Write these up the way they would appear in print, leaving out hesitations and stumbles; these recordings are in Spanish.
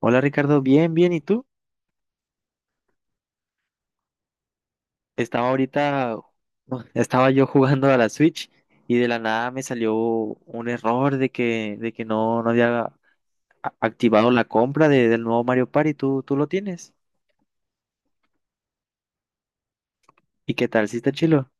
Hola Ricardo, bien, bien, ¿y tú? Estaba ahorita, no, estaba yo jugando a la Switch y de la nada me salió un error de que no, no había a- activado la compra de- del nuevo Mario Party. ¿¿Tú lo tienes? ¿Y qué tal? ¿Sí está chilo?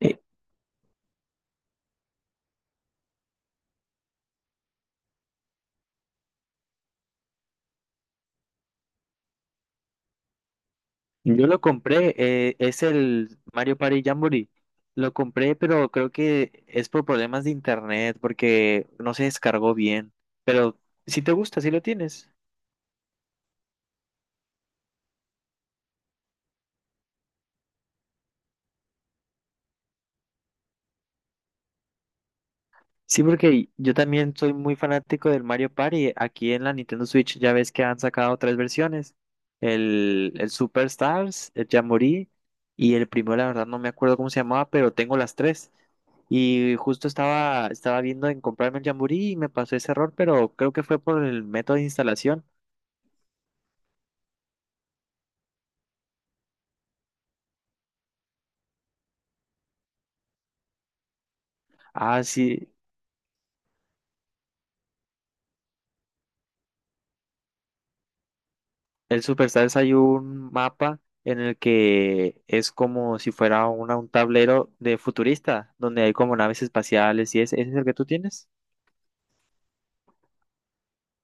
Eh, yo lo compré, es el Mario Party Jamboree. Lo compré, pero creo que es por problemas de internet porque no se descargó bien. Pero si te gusta, si lo tienes. Sí, porque yo también soy muy fanático del Mario Party. Aquí en la Nintendo Switch ya ves que han sacado tres versiones. El Superstars, el Jamboree y el primero, la verdad no me acuerdo cómo se llamaba, pero tengo las tres. Y justo estaba viendo en comprarme el Jamboree y me pasó ese error, pero creo que fue por el método de instalación. Ah, sí, el Superstars hay un mapa en el que es como si fuera un tablero de futurista, donde hay como naves espaciales y ese es el que tú tienes.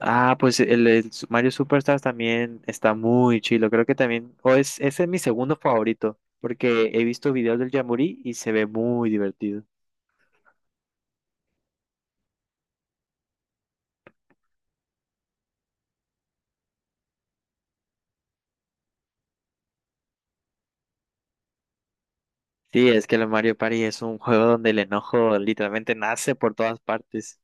Ah, pues el Su- Mario Superstars también está muy chido. Creo que también, o es, ese es mi segundo favorito, porque he visto videos del Jamboree y se ve muy divertido. Sí, es que el Mario Party es un juego donde el enojo literalmente nace por todas partes.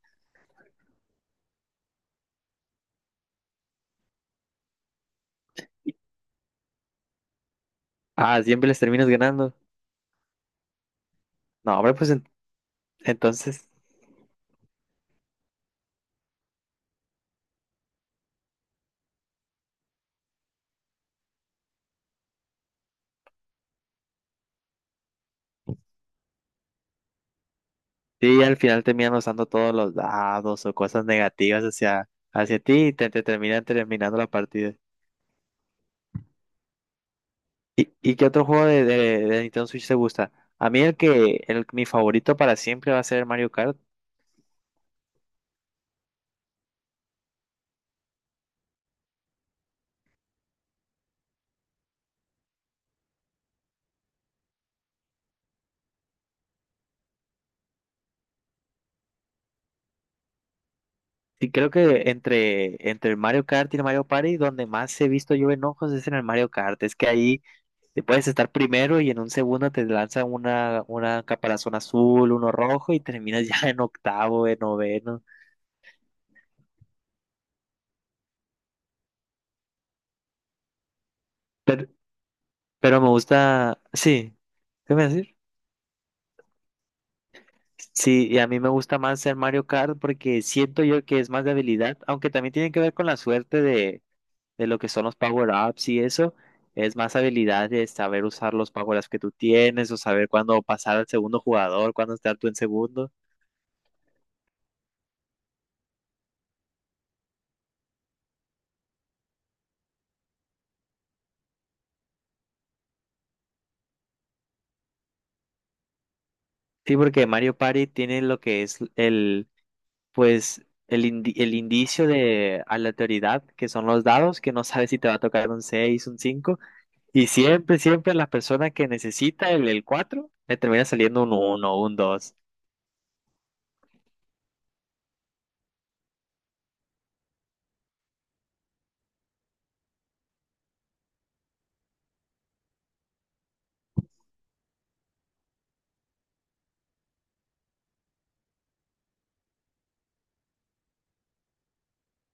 Ah, siempre les terminas ganando. No, hombre, pues en- entonces, sí, al final terminan usando todos los dados o cosas negativas hacia ti y te terminan terminando la partida. Y qué otro juego de Nintendo Switch te gusta? A mí el que, el, mi favorito para siempre va a ser el Mario Kart. Y creo que entre el Mario Kart y el Mario Party, donde más he visto yo enojos es en el Mario Kart. Es que ahí te puedes estar primero y en un segundo te lanza una caparazón azul, uno rojo y terminas ya en octavo, en noveno. Pero, pero me gusta, sí, ¿qué me decís? Sí, y a mí me gusta más ser Mario Kart porque siento yo que es más de habilidad, aunque también tiene que ver con la suerte de lo que son los power-ups y eso. Es más habilidad de saber usar los power-ups que tú tienes o saber cuándo pasar al segundo jugador, cuándo estar tú en segundo. Sí, porque Mario Party tiene lo que es el, pues, el, el indicio de aleatoriedad, que son los dados, que no sabes si te va a tocar un 6 un cinco. Y siempre, siempre a las personas que necesita el 4 le termina saliendo un uno un dos.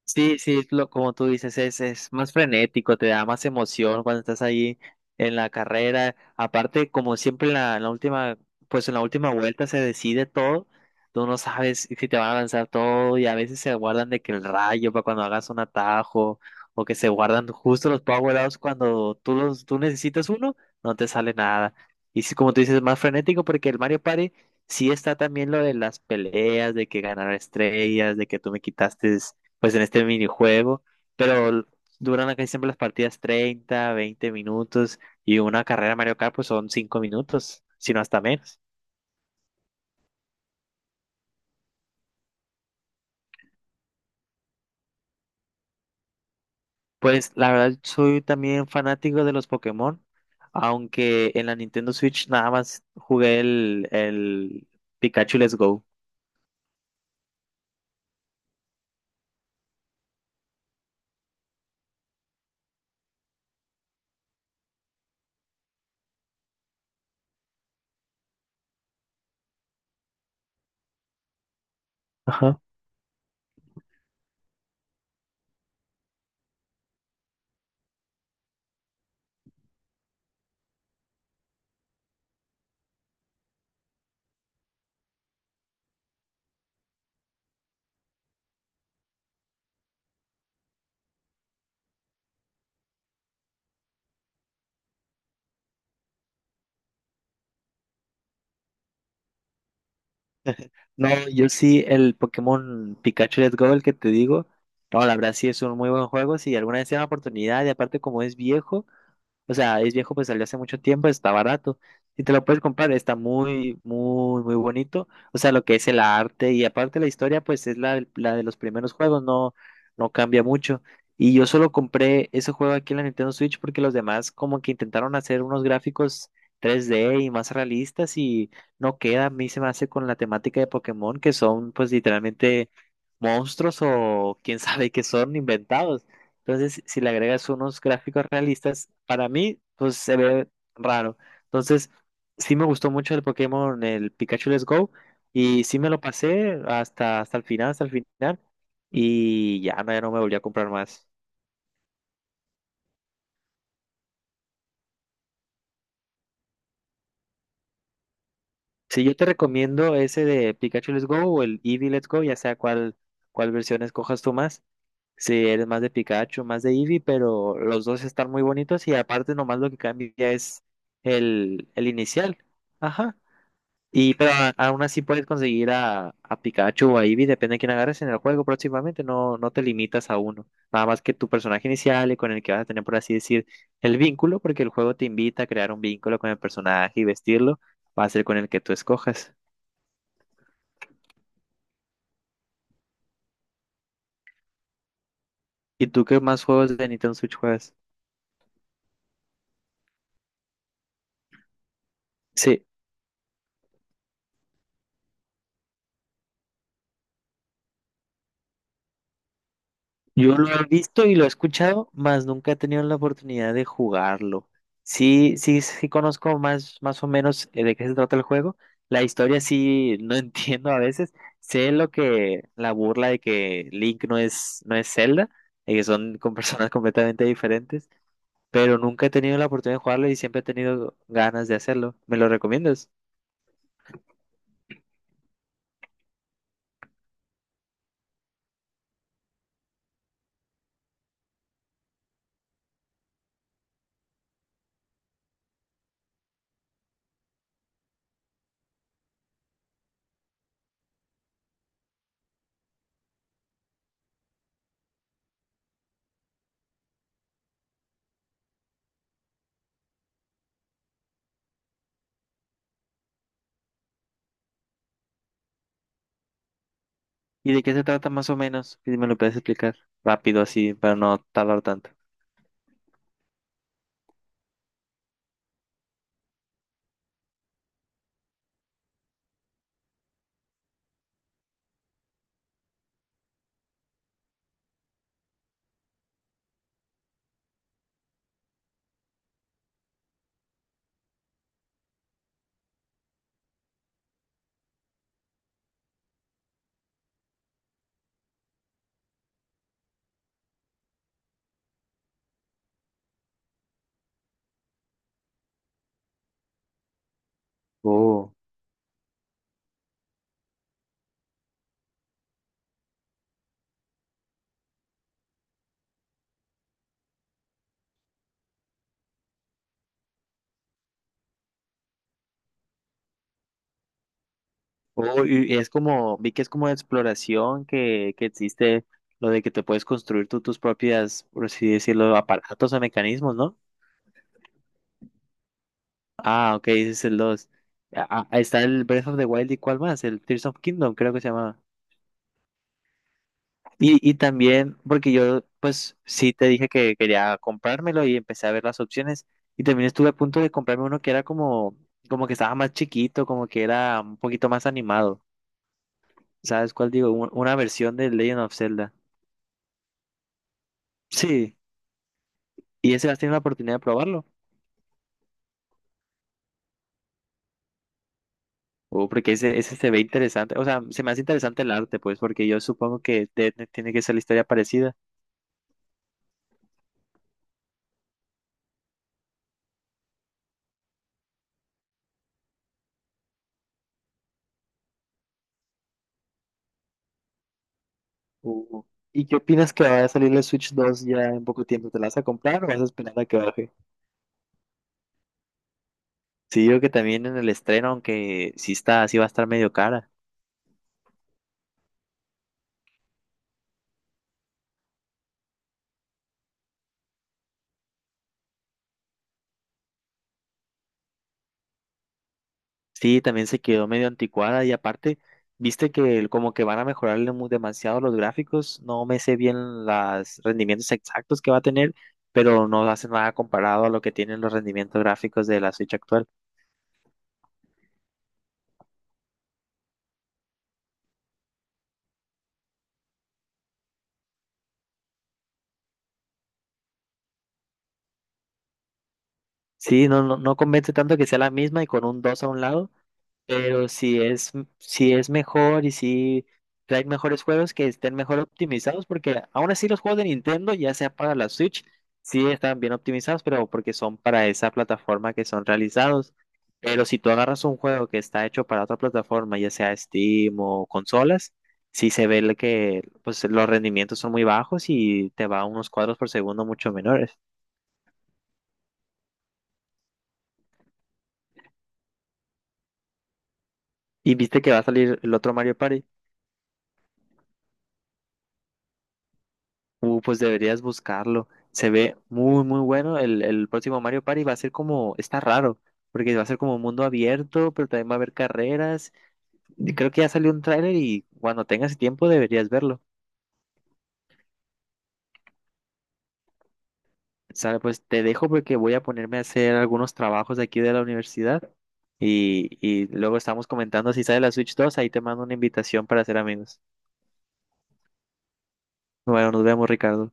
Sí, sí, lo, como tú dices, es más frenético, te da más emoción cuando estás ahí en la carrera. Aparte, como siempre en la última, pues en la última vuelta se decide todo. Tú no sabes si te van a lanzar todo y a veces se guardan de que el rayo para cuando hagas un atajo o que se guardan justo los power ups cuando tú los, tú necesitas uno, no te sale nada. Y sí, como tú dices, es más frenético porque el Mario Party sí está también lo de las peleas, de que ganar estrellas, de que tú me quitaste pues en este minijuego, pero duran casi siempre las partidas 30, 20 minutos y una carrera Mario Kart pues son 5 minutos, sino hasta menos. Pues la verdad soy también fanático de los Pokémon, aunque en la Nintendo Switch nada más jugué el Pikachu Let's Go. Ajá. No, yo sí, el Pokémon Pikachu Let's Go, el que te digo. No, la verdad sí es un muy buen juego. Si alguna vez tiene la oportunidad, y aparte como es viejo, o sea, es viejo, pues salió hace mucho tiempo, está barato. Si te lo puedes comprar, está muy, muy, muy bonito. O sea, lo que es el arte y aparte la historia, pues es la, la de los primeros juegos, no, no cambia mucho. Y yo solo compré ese juego aquí en la Nintendo Switch porque los demás como que intentaron hacer unos gráficos 3D y más realistas y no queda. A mí se me hace con la temática de Pokémon, que son pues literalmente monstruos o quién sabe qué son inventados. Entonces, si le agregas unos gráficos realistas, para mí, pues se ve raro. Entonces, sí me gustó mucho el Pokémon, el Pikachu Let's Go, y sí me lo pasé hasta, hasta el final, y ya no, ya no me volví a comprar más. Sí, yo te recomiendo ese de Pikachu Let's Go o el Eevee Let's Go, ya sea cuál, cuál versión escojas tú más. Si eres más de Pikachu, más de Eevee, pero los dos están muy bonitos y aparte nomás lo que cambia es el inicial. Ajá. Y pero aún así puedes conseguir a Pikachu o a Eevee, depende de quién agarres en el juego próximamente, no, no te limitas a uno. Nada más que tu personaje inicial y con el que vas a tener, por así decir, el vínculo, porque el juego te invita a crear un vínculo con el personaje y vestirlo, va a ser con el que tú escojas. ¿Y tú qué más juegos de Nintendo Switch juegas? Sí. Yo lo he visto y lo he escuchado, mas nunca he tenido la oportunidad de jugarlo. Sí, sí, sí conozco más, más o menos de qué se trata el juego. La historia sí no entiendo a veces. Sé lo que, la burla de que Link no es, no es Zelda, y que son con personas completamente diferentes, pero nunca he tenido la oportunidad de jugarlo y siempre he tenido ganas de hacerlo. ¿Me lo recomiendas? ¿Y de qué se trata más o menos? Si me lo puedes explicar rápido así para no tardar tanto. Oh. Oh, y es como, vi que es como de exploración que existe lo de que te puedes construir tú tus propias, por así decirlo, aparatos o mecanismos, ¿no? Ah, ok, ese es el dos. Ah, ah, está el Breath of the Wild y cuál más, el Tears of Kingdom, creo que se llamaba. Y también, porque yo, pues sí te dije que quería comprármelo y empecé a ver las opciones. Y también estuve a punto de comprarme uno que era como, como que estaba más chiquito, como que era un poquito más animado. ¿Sabes cuál digo? Una versión de Legend of Zelda. Sí, y ese vas a tener la oportunidad de probarlo. O porque ese se ve interesante. O sea, se me hace interesante el arte, pues, porque yo supongo que tiene que ser la historia parecida. Uh, ¿Y qué opinas que vaya a salir la Switch 2 ya en poco tiempo? ¿Te la vas a comprar o vas a esperar a que baje? Sí, yo que también en el estreno, aunque sí está, sí va a estar medio cara. Sí, también se quedó medio anticuada y aparte, viste que como que van a mejorarle demasiado los gráficos, no me sé bien los rendimientos exactos que va a tener, pero no hace nada comparado a lo que tienen los rendimientos gráficos de la Switch actual. Sí, no, no, no convence tanto que sea la misma y con un 2 a un lado. Pero si es, si es mejor y si trae mejores juegos que estén mejor optimizados, porque aún así los juegos de Nintendo, ya sea para la Switch, sí están bien optimizados, pero porque son para esa plataforma que son realizados. Pero si tú agarras un juego que está hecho para otra plataforma, ya sea Steam o consolas, sí se ve el que pues, los rendimientos son muy bajos y te va a unos cuadros por segundo mucho menores. Y viste que va a salir el otro Mario Party. Pues deberías buscarlo. Se ve muy, muy bueno. El próximo Mario Party va a ser como, está raro, porque va a ser como un mundo abierto, pero también va a haber carreras. Y creo que ya salió un tráiler y cuando tengas tiempo deberías verlo. Sale, pues te dejo porque voy a ponerme a hacer algunos trabajos de aquí de la universidad y luego estamos comentando si sale la Switch 2 ahí te mando una invitación para ser amigos. Bueno, nos vemos, Ricardo.